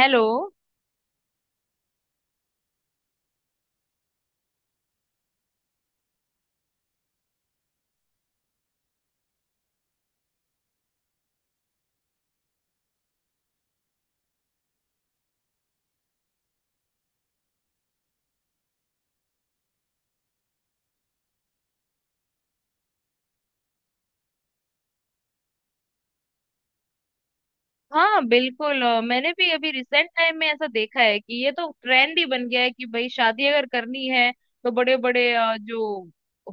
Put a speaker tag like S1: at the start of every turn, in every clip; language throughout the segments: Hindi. S1: हेलो। हाँ, बिल्कुल। मैंने भी अभी रिसेंट टाइम में ऐसा देखा है कि ये तो ट्रेंड ही बन गया है कि भाई शादी अगर करनी है तो बड़े बड़े जो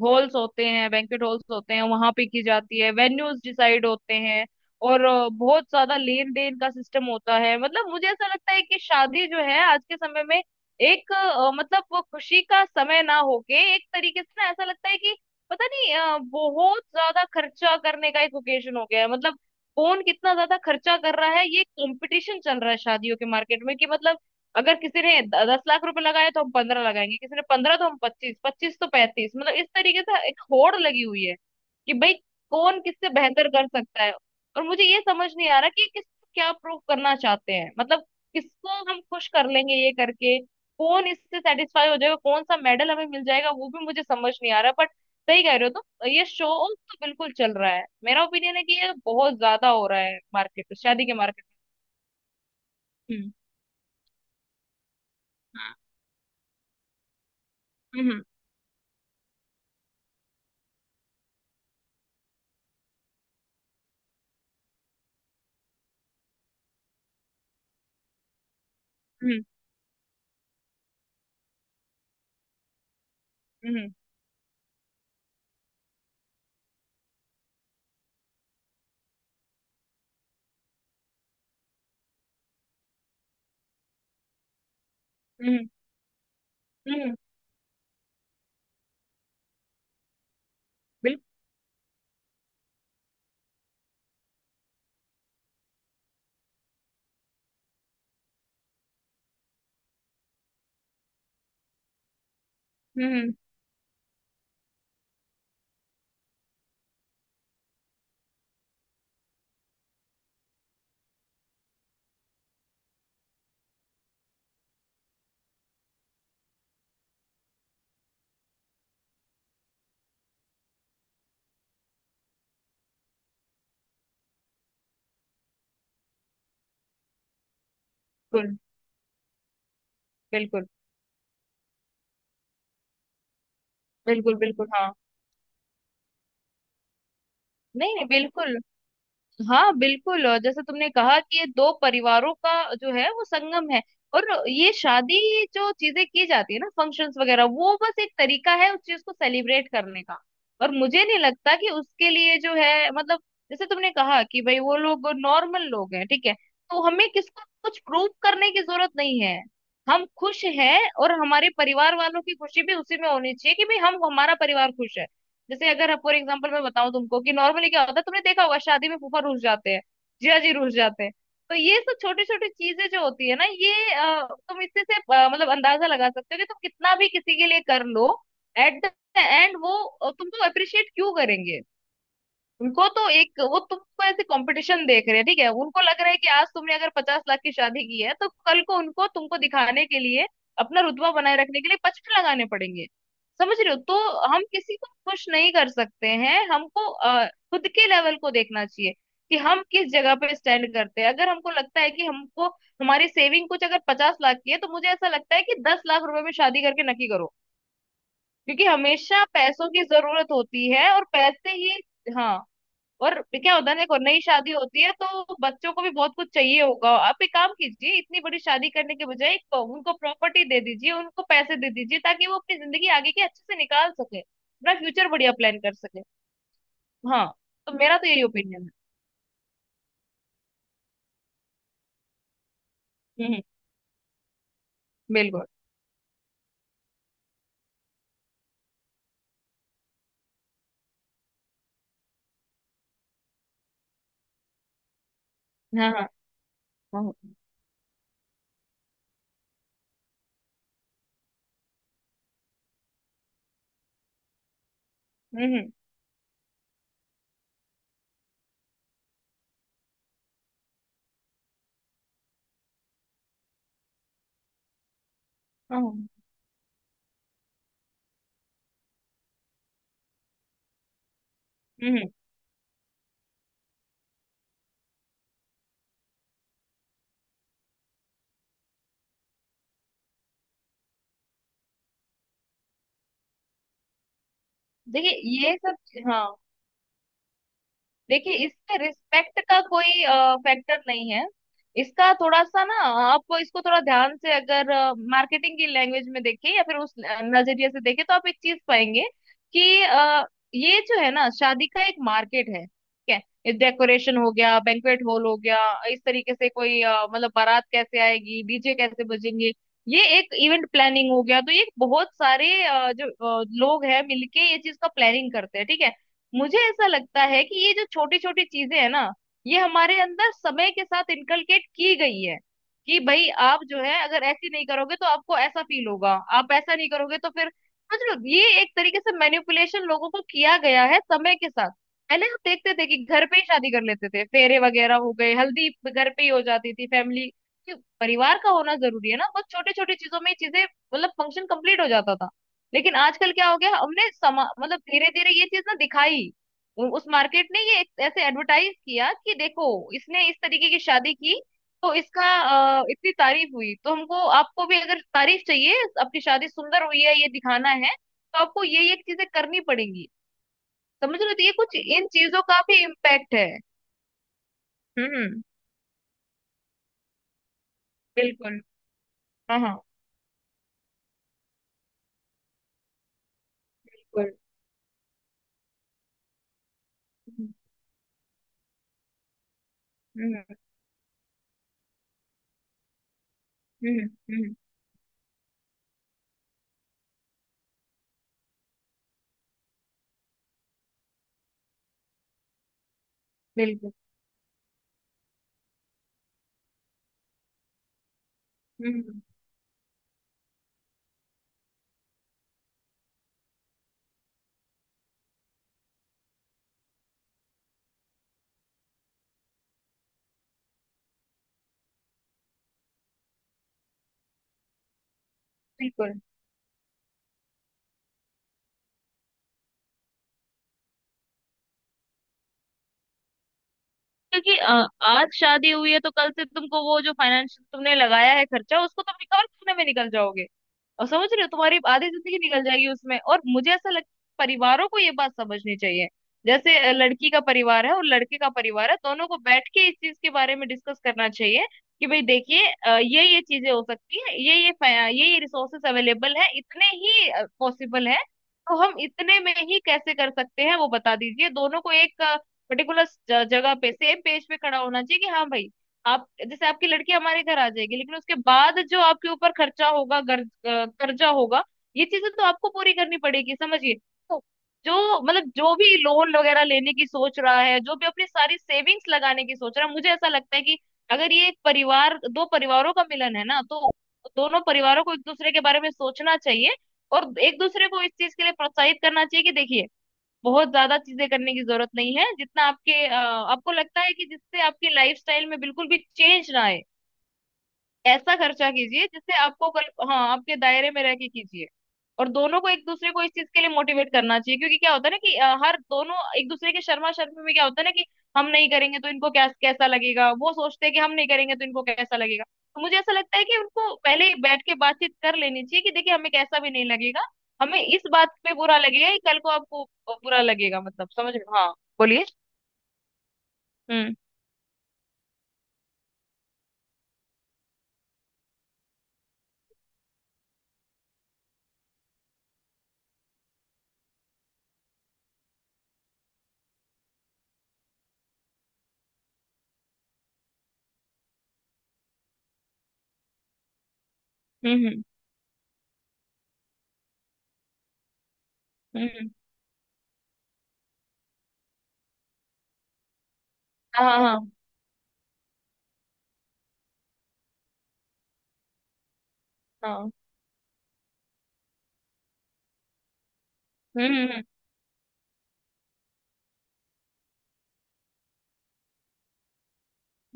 S1: हॉल्स होते हैं, बैंक्वेट हॉल्स होते हैं वहां पे की जाती है, वेन्यूज डिसाइड होते हैं। और बहुत ज्यादा लेन देन का सिस्टम होता है। मतलब मुझे ऐसा लगता है कि शादी जो है आज के समय में एक मतलब वो खुशी का समय ना होके एक तरीके से ना ऐसा लगता है कि पता नहीं, बहुत ज्यादा खर्चा करने का एक ओकेजन हो गया है। मतलब कौन कितना ज्यादा खर्चा कर रहा है, ये कंपटीशन चल रहा है शादियों के मार्केट में कि मतलब अगर किसी ने 10 लाख रुपए लगाए तो हम 15 लगाएंगे, किसी ने 15 तो हम 25, 25 तो 35, मतलब इस तरीके से एक होड़ लगी हुई है कि भाई कौन किससे बेहतर कर सकता है। और मुझे ये समझ नहीं आ रहा कि किसको क्या प्रूव करना चाहते हैं। मतलब किसको हम खुश कर लेंगे ये करके? कौन इससे सेटिस्फाई हो जाएगा? कौन सा मेडल हमें मिल जाएगा, वो भी मुझे समझ नहीं आ रहा। बट सही कह रहे हो, ये शो ऑफ तो बिल्कुल चल रहा है। मेरा ओपिनियन है कि ये बहुत ज्यादा हो रहा है मार्केट में, शादी के मार्केट में। हम्म। हम्म। हम्म। हम्म। हम्म। हम्म। बिल्कुल। बिल्कुल। बिल्कुल। बिल्कुल। बिल्कुल। हाँ। नहीं, नहीं, बिल्कुल। हाँ, बिल्कुल। और जैसे तुमने कहा कि ये दो परिवारों का जो है वो संगम है, और ये शादी जो चीजें की जाती है ना, फंक्शंस वगैरह, वो बस एक तरीका है उस चीज को सेलिब्रेट करने का। और मुझे नहीं लगता कि उसके लिए जो है मतलब जैसे तुमने कहा कि भाई वो लोग नॉर्मल लोग हैं, ठीक है, तो हमें किसको कुछ प्रूव करने की जरूरत नहीं है। हम खुश हैं और हमारे परिवार वालों की खुशी भी उसी में होनी चाहिए कि भाई हम हमारा परिवार खुश है। जैसे अगर फॉर एग्जाम्पल मैं बताऊं तुमको कि नॉर्मली क्या होता है, तुमने देखा होगा शादी में फूफा रुस जाते हैं, जिया जी रुस जाते हैं, तो ये सब छोटी छोटी चीजें जो होती है ना, ये तुम इससे से मतलब अंदाजा लगा सकते हो कि तुम कितना भी किसी के लिए कर लो एट द एंड वो तुमको अप्रिशिएट क्यों करेंगे? उनको तो एक वो तुमको ऐसे कंपटीशन देख रहे हैं, ठीक है, उनको लग रहा है कि आज तुमने अगर 50 लाख की शादी की है तो कल को उनको तुमको दिखाने के लिए अपना रुतबा बनाए रखने के लिए 55 लगाने पड़ेंगे। समझ रहे हो? तो हम किसी को खुश नहीं कर सकते हैं, हमको खुद के लेवल को देखना चाहिए कि हम किस जगह पे स्टैंड करते हैं। अगर हमको लगता है कि हमको हमारी सेविंग कुछ अगर 50 लाख की है तो मुझे ऐसा लगता है कि 10 लाख रुपए में शादी करके नक्की करो, क्योंकि हमेशा पैसों की जरूरत होती है और पैसे ही। हाँ। और क्या होता है ना, देखो, नई शादी होती है तो बच्चों को भी बहुत कुछ चाहिए होगा। आप एक काम कीजिए, इतनी बड़ी शादी करने के बजाय एक उनको प्रॉपर्टी दे दीजिए, उनको पैसे दे दीजिए ताकि वो अपनी जिंदगी आगे की अच्छे से निकाल सके, अपना फ्यूचर बढ़िया प्लान कर सके। हाँ, तो मेरा तो यही ओपिनियन है। हम्म। बिल्कुल। हाँ। हाँ। हाँ, हम्म। हम्म। हाँ, हम्म। हम्म। देखिए ये सब, हाँ। देखिए इसमें रिस्पेक्ट का कोई फैक्टर नहीं है। इसका थोड़ा सा ना आप इसको थोड़ा ध्यान से अगर मार्केटिंग की लैंग्वेज में देखें या फिर उस नजरिए से देखें तो आप एक चीज पाएंगे कि ये जो है ना शादी का एक मार्केट है, ठीक है, डेकोरेशन हो गया, बैंक्वेट हॉल हो गया, इस तरीके से कोई मतलब बारात कैसे आएगी, डीजे कैसे बजेंगे, ये एक इवेंट प्लानिंग हो गया। तो ये बहुत सारे जो लोग हैं मिलके ये चीज का प्लानिंग करते हैं, ठीक है। मुझे ऐसा लगता है कि ये जो छोटी छोटी चीजें है ना, ये हमारे अंदर समय के साथ इनकलकेट की गई है कि भाई आप जो है अगर ऐसी नहीं करोगे तो आपको ऐसा फील होगा, आप ऐसा नहीं करोगे तो फिर, समझ लो ये एक तरीके से मैनिपुलेशन लोगों को किया गया है समय के साथ। पहले हम देखते थे कि घर पे ही शादी कर लेते थे, फेरे वगैरह हो गए, हल्दी घर पे ही हो जाती थी, फैमिली परिवार का होना जरूरी है ना, बहुत छोटे छोटे चीजों में ये चीजें, मतलब फंक्शन कंप्लीट हो जाता था। लेकिन आजकल क्या हो गया, हमने समा मतलब धीरे धीरे ये चीज ना दिखाई, उस मार्केट ने ये एक ऐसे एडवर्टाइज किया कि देखो इसने इस तरीके की शादी की तो इसका इतनी तारीफ हुई, तो हमको आपको भी अगर तारीफ चाहिए, आपकी शादी सुंदर हुई है ये दिखाना है तो आपको ये चीजें करनी पड़ेंगी। समझ रहे हो? तो ये कुछ इन चीजों का भी इम्पैक्ट है। हम्म। बिल्कुल। हाँ। हाँ, बिल्कुल। हम्म। हम्म। हम्म। हम्म, बिल्कुल। हम्म। बिल्कुल। क्योंकि आज शादी हुई है तो कल से तुमको वो जो फाइनेंस तुमने लगाया है खर्चा, उसको तुम रिकवर करने में निकल जाओगे। और समझ रहे हो, तुम्हारी आधी जिंदगी निकल जाएगी उसमें। और मुझे ऐसा लगता है परिवारों को ये बात समझनी चाहिए। जैसे लड़की का परिवार है और लड़के का परिवार है, दोनों को बैठ के इस चीज के बारे में डिस्कस करना चाहिए कि भाई देखिए, ये चीजें हो सकती है, ये रिसोर्सेस अवेलेबल है, इतने ही पॉसिबल है। तो हम इतने में ही कैसे कर सकते हैं, वो बता दीजिए। दोनों को एक पर्टिकुलर जगह पे सेम पेज पे खड़ा होना चाहिए कि हाँ भाई, आप जैसे आपकी लड़की हमारे घर आ जाएगी लेकिन उसके बाद जो आपके ऊपर खर्चा होगा, कर्जा होगा, ये चीजें तो आपको पूरी करनी पड़ेगी, समझिए। तो जो मतलब जो भी लोन वगैरह लेने की सोच रहा है, जो भी अपनी सारी सेविंग्स लगाने की सोच रहा है, मुझे ऐसा लगता है कि अगर ये एक परिवार दो परिवारों का मिलन है ना, तो दोनों परिवारों को एक दूसरे के बारे में सोचना चाहिए और एक दूसरे को इस चीज के लिए प्रोत्साहित करना चाहिए कि देखिए बहुत ज्यादा चीजें करने की जरूरत नहीं है, जितना आपके आपको लगता है कि जिससे आपकी लाइफस्टाइल में बिल्कुल भी चेंज ना आए, ऐसा खर्चा कीजिए जिससे आपको कल, हाँ, आपके दायरे में रह के कीजिए। और दोनों को एक दूसरे को इस चीज के लिए मोटिवेट करना चाहिए, क्योंकि क्या होता है ना कि हर दोनों एक दूसरे के शर्मा शर्मी में क्या होता है ना कि हम नहीं करेंगे तो इनको क्या कैसा लगेगा, वो सोचते हैं कि हम नहीं करेंगे तो इनको कैसा लगेगा। तो मुझे ऐसा लगता है कि उनको पहले ही बैठ के बातचीत कर लेनी चाहिए कि देखिए हमें कैसा भी नहीं लगेगा, हमें इस बात पे बुरा लगेगा कि कल को आपको बुरा लगेगा, मतलब समझ रहे हो? हाँ, बोलिए। हम्म। हम्म। हम्म। हम्म। हाँ। हाँ। हाँ। हम्म। हम्म। हम्म।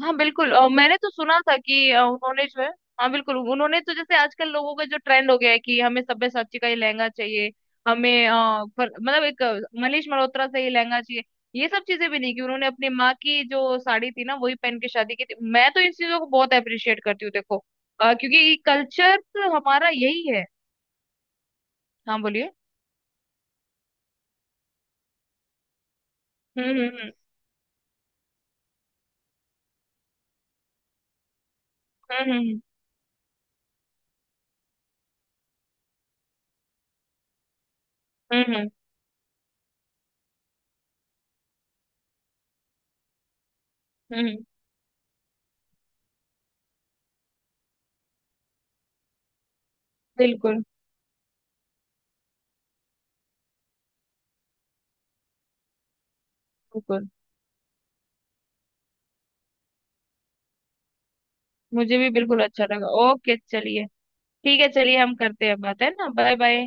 S1: हाँ, बिल्कुल। और मैंने तो सुना था कि उन्होंने जो है, हाँ, बिल्कुल। उन्होंने तो जैसे आजकल लोगों का जो ट्रेंड हो गया है कि हमें सब्यसाची का ही लहंगा चाहिए, हमें पर, मतलब एक मनीष मल्होत्रा से ही लहंगा चाहिए, ये सब चीजें भी नहीं। कि उन्होंने अपनी माँ की जो साड़ी थी ना वही पहन के शादी की थी। मैं तो इन चीजों को बहुत अप्रिशिएट करती हूँ, देखो, क्योंकि कल्चर हमारा यही है। हाँ, बोलिए। हम्म। हम्म। हम्म। हम्म। हम्म। हम्म। हम्म। हम्म। बिल्कुल। बिल्कुल, मुझे भी बिल्कुल अच्छा लगा। ओके, चलिए। ठीक है, चलिए हम करते हैं बात, है ना। Bye bye.